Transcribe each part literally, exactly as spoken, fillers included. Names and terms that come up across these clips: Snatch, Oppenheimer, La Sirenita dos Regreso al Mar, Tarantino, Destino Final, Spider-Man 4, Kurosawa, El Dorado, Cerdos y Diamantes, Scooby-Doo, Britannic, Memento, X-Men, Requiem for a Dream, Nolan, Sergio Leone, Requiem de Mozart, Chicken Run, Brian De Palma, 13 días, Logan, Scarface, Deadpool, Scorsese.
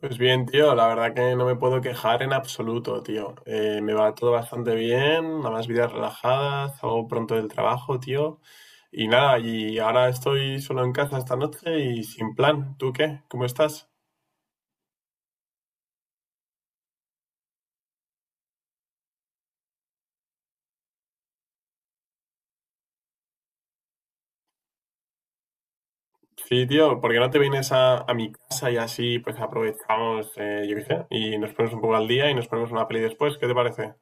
Pues bien, tío, la verdad que no me puedo quejar en absoluto, tío. Eh, me va todo bastante bien, nada más vidas relajadas, salgo pronto del trabajo, tío. Y nada, y ahora estoy solo en casa esta noche y sin plan. ¿Tú qué? ¿Cómo estás? Sí, tío, ¿por qué no te vienes a, a mi casa y así pues aprovechamos, eh, yo qué sé, y nos ponemos un poco al día y nos ponemos una peli después? ¿Qué te parece?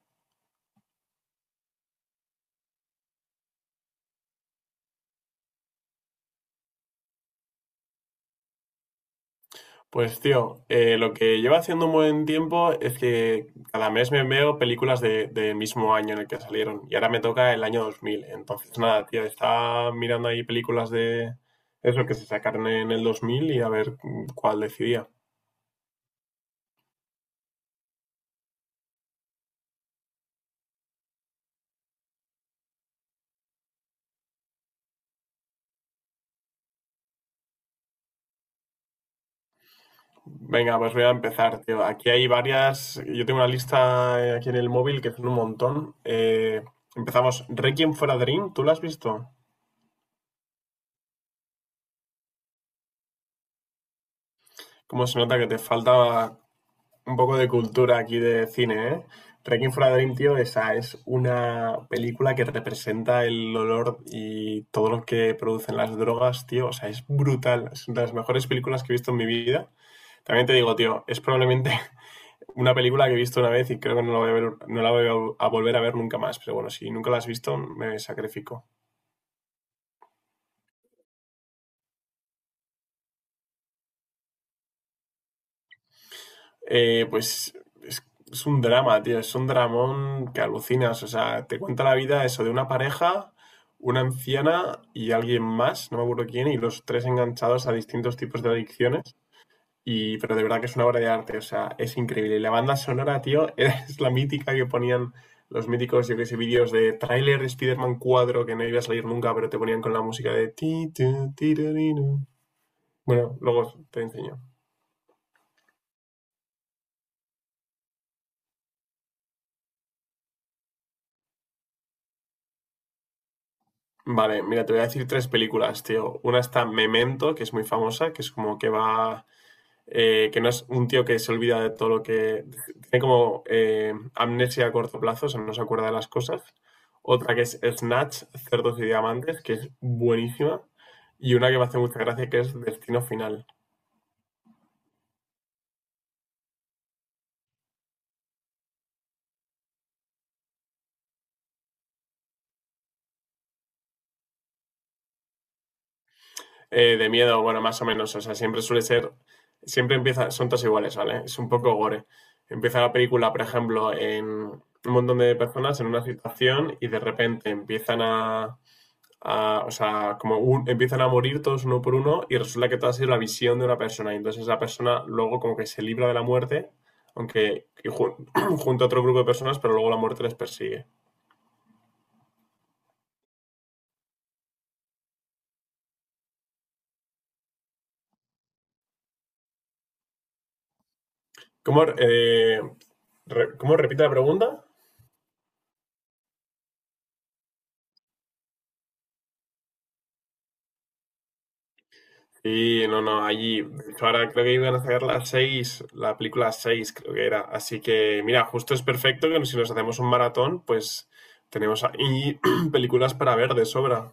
Pues tío, eh, lo que llevo haciendo un buen tiempo es que cada mes me veo películas de, del mismo año en el que salieron y ahora me toca el año dos mil. Entonces nada, tío, estaba mirando ahí películas de eso que se sacaron en el dos mil y a ver mm, cuál decidía. Venga, pues voy a empezar, tío. Aquí hay varias, yo tengo una lista eh, aquí en el móvil que son un montón. Eh, empezamos, Requiem for a Dream, ¿tú la has visto? Cómo se nota que te falta un poco de cultura aquí de cine, ¿eh? Requiem for a Dream, tío, esa es una película que representa el olor y todo lo que producen las drogas, tío. O sea, es brutal. Es una de las mejores películas que he visto en mi vida. También te digo, tío, es probablemente una película que he visto una vez y creo que no la voy a ver- no la voy a a volver a ver nunca más. Pero bueno, si nunca la has visto, me sacrifico. Eh, pues es, es un drama, tío, es un dramón que alucinas, o sea, te cuenta la vida eso de una pareja, una anciana y alguien más, no me acuerdo quién, y los tres enganchados a distintos tipos de adicciones. Y, pero de verdad que es una obra de arte, o sea, es increíble. Y la banda sonora, tío, es la mítica que ponían los míticos, yo que sé, vídeos de tráiler de Spider-Man cuatro que no iba a salir nunca, pero te ponían con la música de ti, tu, ti, ru, ri, ru. Bueno, luego te enseño. Vale, mira, te voy a decir tres películas, tío. Una está Memento, que es muy famosa, que es como que va, eh, que no es un tío que se olvida de todo lo que... Tiene como eh, amnesia a corto plazo, o sea, no se acuerda de las cosas. Otra que es Snatch, Cerdos y Diamantes, que es buenísima. Y una que me hace mucha gracia, que es Destino Final. Eh, de miedo, bueno, más o menos. O sea, siempre suele ser. Siempre empieza. Son todos iguales, ¿vale? Es un poco gore. Empieza la película, por ejemplo, en un montón de personas en una situación y de repente empiezan a. a- o sea, como un- empiezan a morir todos uno por uno y resulta que todo ha sido la visión de una persona. Y entonces la persona luego como que se libra de la muerte, aunque y jun- junto a otro grupo de personas, pero luego la muerte les persigue. ¿Cómo, eh, re- ¿Cómo repite la pregunta? Sí, no, no, allí, de hecho, ahora creo que iban a sacar las seis, la película seis creo que era, así que mira, justo es perfecto que si nos hacemos un maratón, pues tenemos ahí películas para ver de sobra.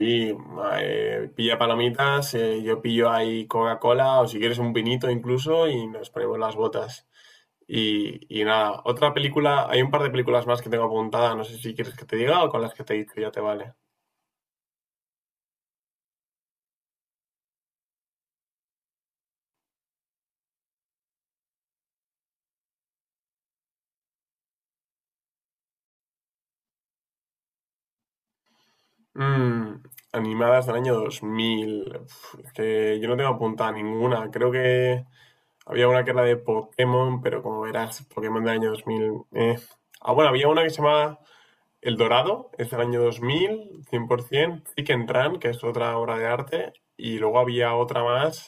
Y eh, Pilla palomitas, eh, yo pillo ahí Coca-Cola o si quieres un vinito incluso y nos ponemos las botas. Y, y nada, otra película, hay un par de películas más que tengo apuntada, no sé si quieres que te diga o con las que te he dicho ya te vale. Mm, Animadas del año dos mil. Uf, es que yo no tengo apuntada ninguna. Creo que había una que era de Pokémon, pero como verás, Pokémon del año dos mil. eh. Ah, bueno, había una que se llamaba El Dorado, es del año dos mil, cien por ciento. Chicken Run, que es otra obra de arte. Y luego había otra más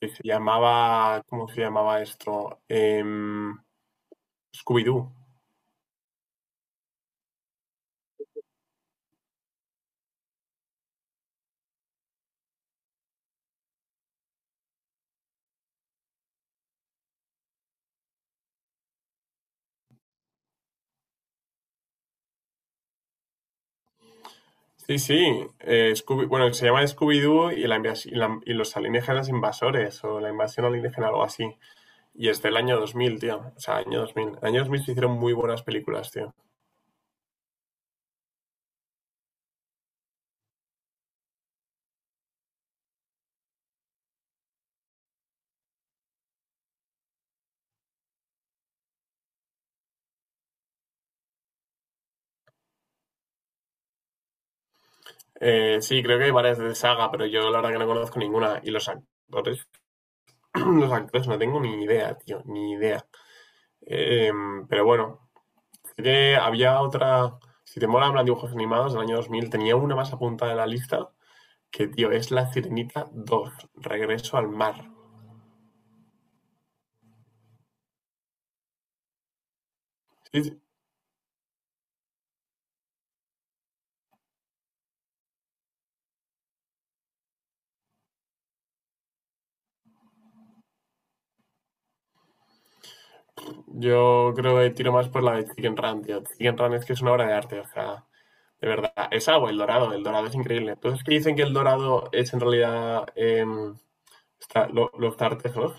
que se llamaba. ¿Cómo se llamaba esto? Em, Scooby-Doo. Sí, sí. Eh, Scooby- bueno, se llama Scooby-Doo y, la invas- y la- y los alienígenas invasores o la invasión alienígena, algo así. Y es del año dos mil tío. O sea, año dos mil. Año dos mil se hicieron muy buenas películas, tío. Eh, sí, creo que hay varias de saga, pero yo la verdad que no conozco ninguna. Y los actores, los actores no tengo ni idea, tío, ni idea. Eh, pero bueno, sí que había otra. Si te molan los dibujos animados del año dos mil tenía una más apuntada en la lista que, tío, es La Sirenita dos Regreso al Mar. Sí, sí. Yo creo que tiro más por la de Chicken Run, tío. Chicken Run es que es una obra de arte, o sea, de verdad. Es agua, el dorado, el dorado es increíble. Entonces, ¿qué dicen que el dorado es en realidad em, está- lo- los tartesos?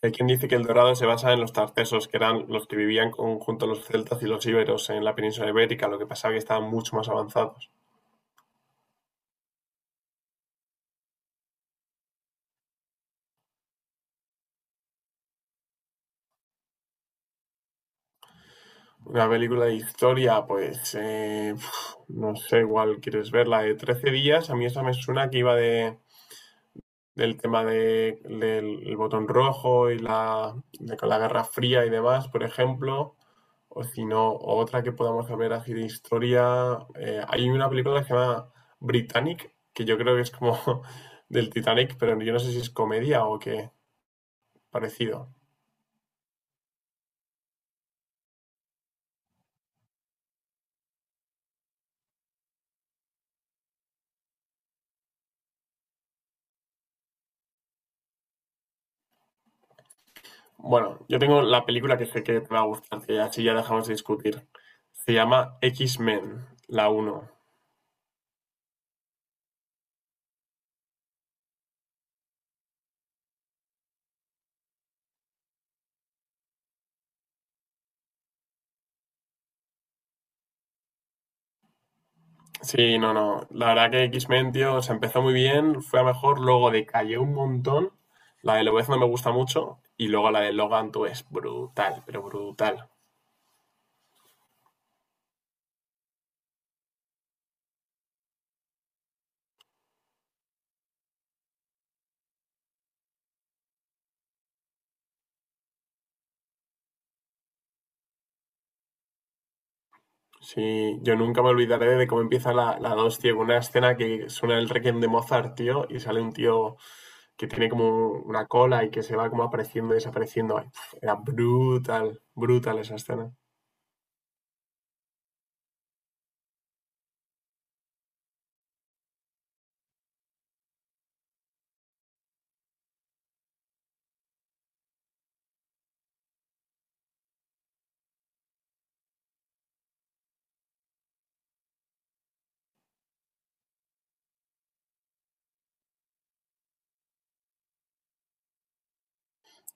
Hay quien dice que el dorado se basa en los tartesos, que eran los que vivían con- junto a los celtas y los íberos en la península ibérica, lo que pasaba que estaban mucho más avanzados. Una película de historia, pues, eh, pf, no sé, igual quieres verla de trece días, a mí esa me suena que iba de del tema de, del el botón rojo y la, de la Guerra Fría y demás, por ejemplo, o si no, otra que podamos ver así de historia. Eh, hay una película que se llama Britannic, que yo creo que es como del Titanic, pero yo no sé si es comedia o qué parecido. Bueno, yo tengo la película que sé que te va a gustar, que así ya dejamos de discutir. Se llama X-Men, la uno. Sí, no, no. La verdad que X-Men, tío, o empezó muy bien, fue a mejor, luego decayó un montón. La de Lobez no me gusta mucho y luego la de Logan, tú, es brutal, pero brutal. Sí, yo nunca me olvidaré de cómo empieza la, la dos tío, con una escena que suena el Requiem de Mozart, tío, y sale un tío que tiene como una cola y que se va como apareciendo y desapareciendo. Ay, pf, Era brutal, brutal esa escena.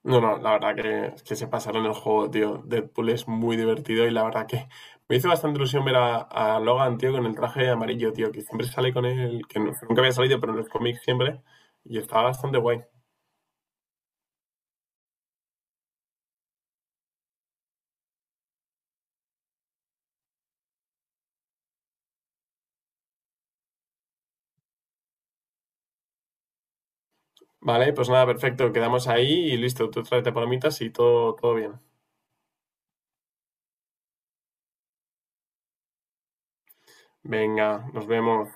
No, no, la verdad que, que se pasaron el juego, tío. Deadpool es muy divertido y la verdad que me hizo bastante ilusión ver a, a Logan, tío, con el traje amarillo, tío, que siempre sale con él, que nu- nunca había salido, pero en los cómics siempre, y estaba bastante guay. Vale, pues nada, perfecto, quedamos ahí y listo, tú tráete palomitas y todo, todo bien. Venga, nos vemos.